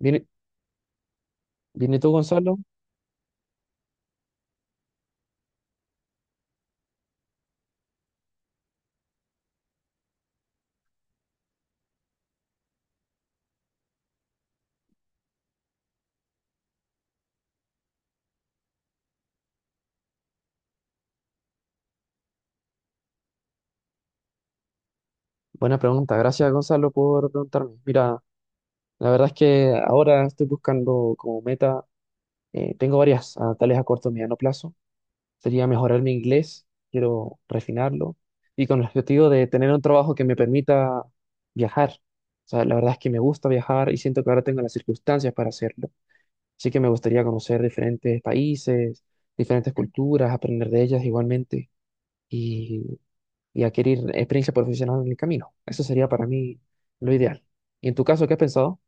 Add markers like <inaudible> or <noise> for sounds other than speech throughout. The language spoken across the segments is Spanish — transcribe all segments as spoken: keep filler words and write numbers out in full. Bien, bien, ¿y tú, Gonzalo? Buena pregunta. Gracias, Gonzalo, por preguntarme. Mira, la verdad es que ahora estoy buscando como meta, eh, tengo varias, ah, tales a corto y mediano plazo. Sería mejorar mi inglés, quiero refinarlo y con el objetivo de tener un trabajo que me permita viajar. O sea, la verdad es que me gusta viajar y siento que ahora tengo las circunstancias para hacerlo. Así que me gustaría conocer diferentes países, diferentes culturas, aprender de ellas igualmente. Y adquirir experiencia profesional en el camino. Eso sería para mí lo ideal. ¿Y en tu caso, qué has pensado?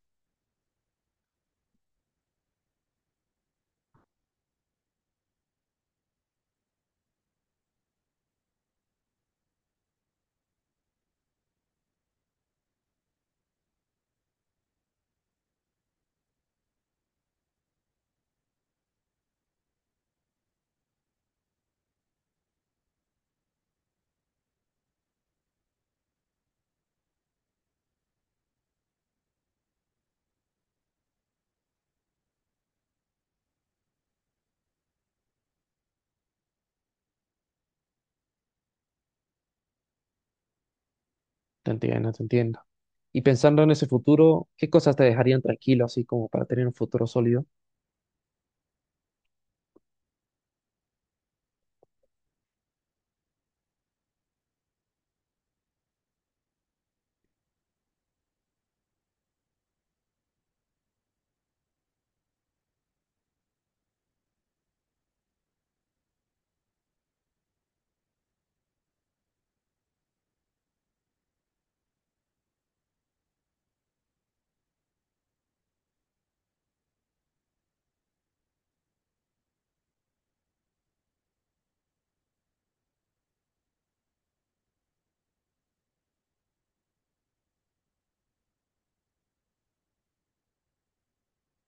Te entiendo, te entiendo. Y pensando en ese futuro, ¿qué cosas te dejarían tranquilo, así como para tener un futuro sólido?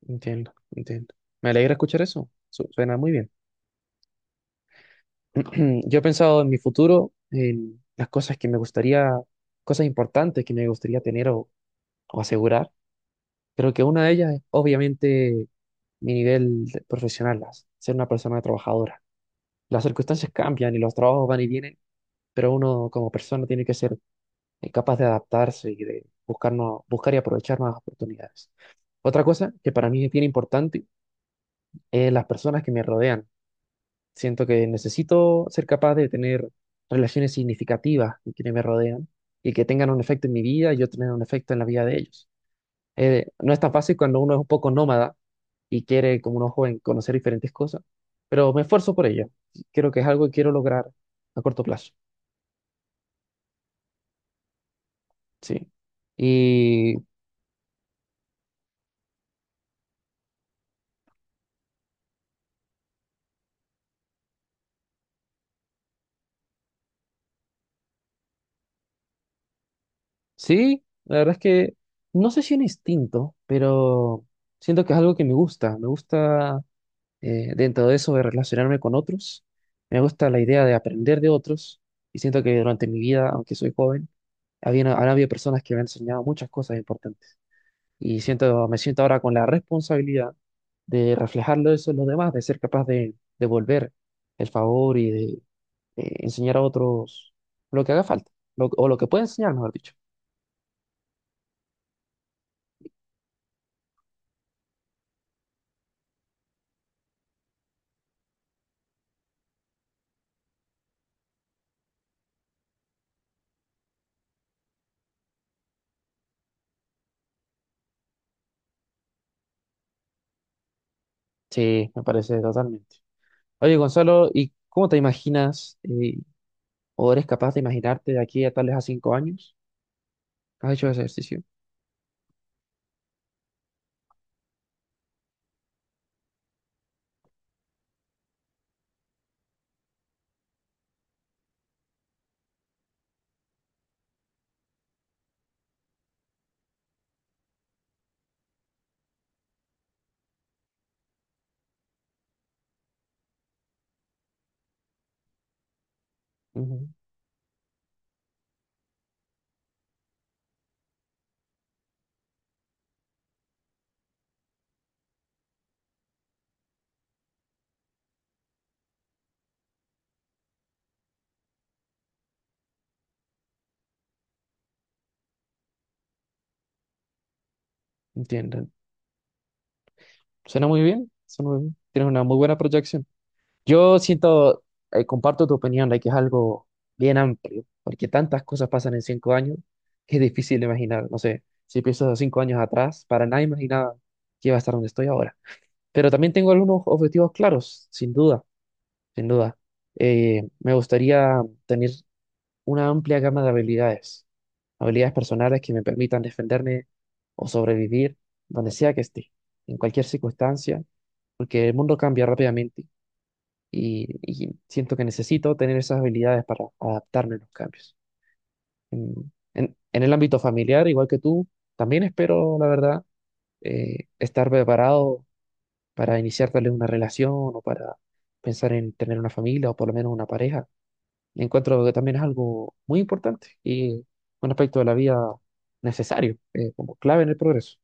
Entiendo, entiendo. Me alegra escuchar eso. Su- Suena muy bien. <clears throat> Yo he pensado en mi futuro, en las cosas que me gustaría, cosas importantes que me gustaría tener o, o asegurar. Creo que una de ellas es obviamente mi nivel de- profesional, as- ser una persona trabajadora. Las circunstancias cambian y los trabajos van y vienen, pero uno como persona tiene que ser eh, capaz de adaptarse y de buscar, no- buscar y aprovechar nuevas oportunidades. Otra cosa que para mí es bien importante es las personas que me rodean. Siento que necesito ser capaz de tener relaciones significativas con quienes me rodean y que tengan un efecto en mi vida y yo tener un efecto en la vida de ellos. Eh, no es tan fácil cuando uno es un poco nómada y quiere, como un joven, conocer diferentes cosas, pero me esfuerzo por ello. Creo que es algo que quiero lograr a corto plazo, sí. Y Sí, la verdad es que no sé si un instinto, pero siento que es algo que me gusta. Me gusta eh, dentro de eso de relacionarme con otros. Me gusta la idea de aprender de otros. Y siento que durante mi vida, aunque soy joven, había, han habido personas que me han enseñado muchas cosas importantes. Y siento, me siento ahora con la responsabilidad de reflejarlo eso en los demás, de ser capaz de devolver el favor y de eh, enseñar a otros lo que haga falta, lo- o lo que pueda enseñar, mejor dicho. Sí, me parece totalmente. Oye, Gonzalo, ¿y cómo te imaginas eh, o eres capaz de imaginarte de aquí a tal vez a cinco años? ¿Has hecho ese ejercicio? Ujú. Entiendo. Suena muy bien, suena muy bien. Tienes una muy buena proyección. Yo siento, eh, comparto tu opinión de que es algo bien amplio, porque tantas cosas pasan en cinco años <laughs> que es difícil de imaginar. No sé, si pienso cinco años atrás, para nada imaginaba que iba a estar donde estoy ahora. Pero también tengo algunos objetivos claros, sin duda, sin duda. Eh, me gustaría tener una amplia gama de habilidades, habilidades personales que me permitan defenderme o sobrevivir donde sea que esté, en cualquier circunstancia, porque el mundo cambia rápidamente y, y siento que necesito tener esas habilidades para adaptarme a los cambios. En, en- en el ámbito familiar, igual que tú, también espero, la verdad, eh, estar preparado para iniciar tal vez una relación o para pensar en tener una familia o por lo menos una pareja. Encuentro que también es algo muy importante y un aspecto de la vida necesario, eh, como clave en el progreso.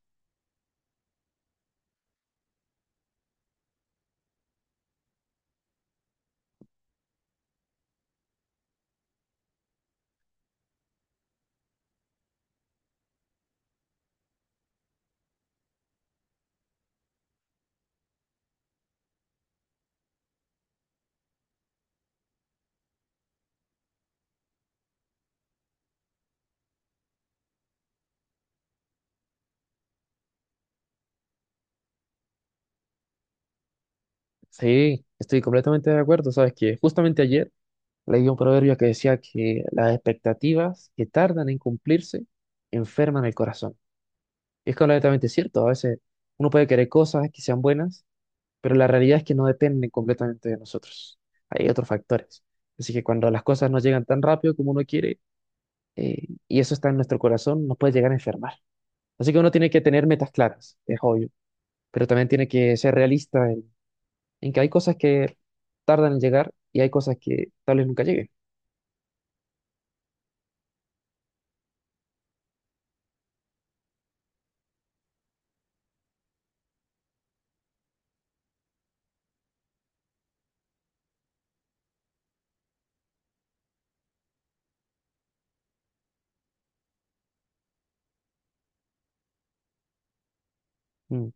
Sí, estoy completamente de acuerdo. Sabes que justamente ayer leí un proverbio que decía que las expectativas que tardan en cumplirse enferman el corazón. Y es completamente cierto. A veces uno puede querer cosas que sean buenas, pero la realidad es que no dependen completamente de nosotros. Hay otros factores. Así que cuando las cosas no llegan tan rápido como uno quiere, eh, y eso está en nuestro corazón, nos puede llegar a enfermar. Así que uno tiene que tener metas claras, es obvio, pero también tiene que ser realista en, en que hay cosas que tardan en llegar y hay cosas que tal vez nunca lleguen. Mm,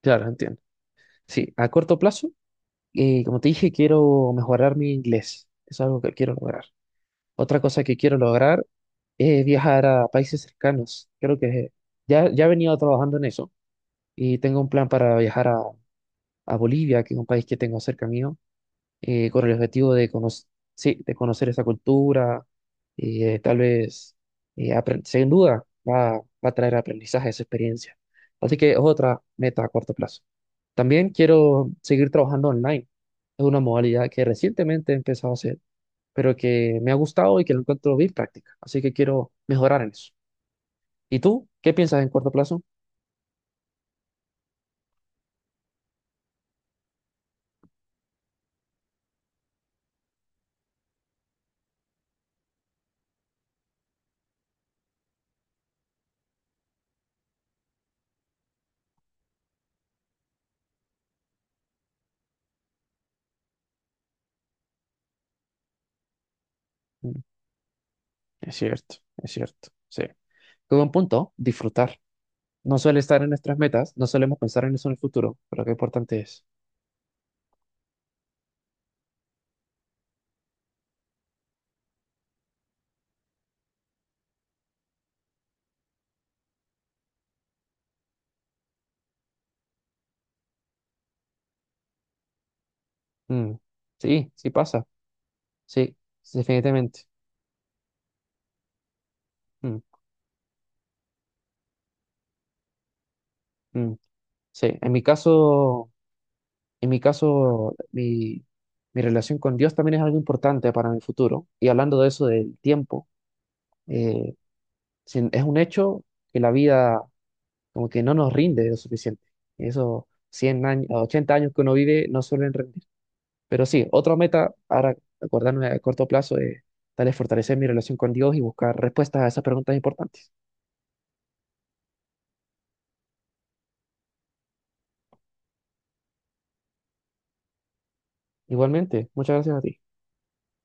claro, entiendo. Sí, a corto plazo, eh, como te dije, quiero mejorar mi inglés. Es algo que quiero lograr. Otra cosa que quiero lograr es viajar a países cercanos. Creo que ya, ya he venido trabajando en eso y tengo un plan para viajar a, a Bolivia, que es un país que tengo cerca mío eh, con el objetivo de, cono, sí, de conocer esa cultura, y eh, tal vez, eh, apren- sin duda, va, va a traer aprendizaje esa experiencia. Así que es otra meta a corto plazo. También quiero seguir trabajando online. Es una modalidad que recientemente he empezado a hacer, pero que me ha gustado y que lo encuentro bien práctica. Así que quiero mejorar en eso. ¿Y tú? ¿Qué piensas en corto plazo? Mm. Es cierto, es cierto. Sí. Qué buen punto, disfrutar. No suele estar en nuestras metas, no solemos pensar en eso en el futuro, pero qué importante es. Mm. Sí, sí pasa, sí, sí, definitivamente. Mm, mm. Sí, en mi caso, en mi caso, mi, mi relación con Dios también es algo importante para mi futuro. Y hablando de eso del tiempo, eh, sin- es un hecho que la vida como que no nos rinde lo suficiente. Eso, cien años, ochenta años que uno vive no suelen rendir. Pero sí, otra meta, ahora acordarme a corto plazo, es tal es fortalecer mi relación con Dios y buscar respuestas a esas preguntas importantes. Igualmente, muchas gracias a ti.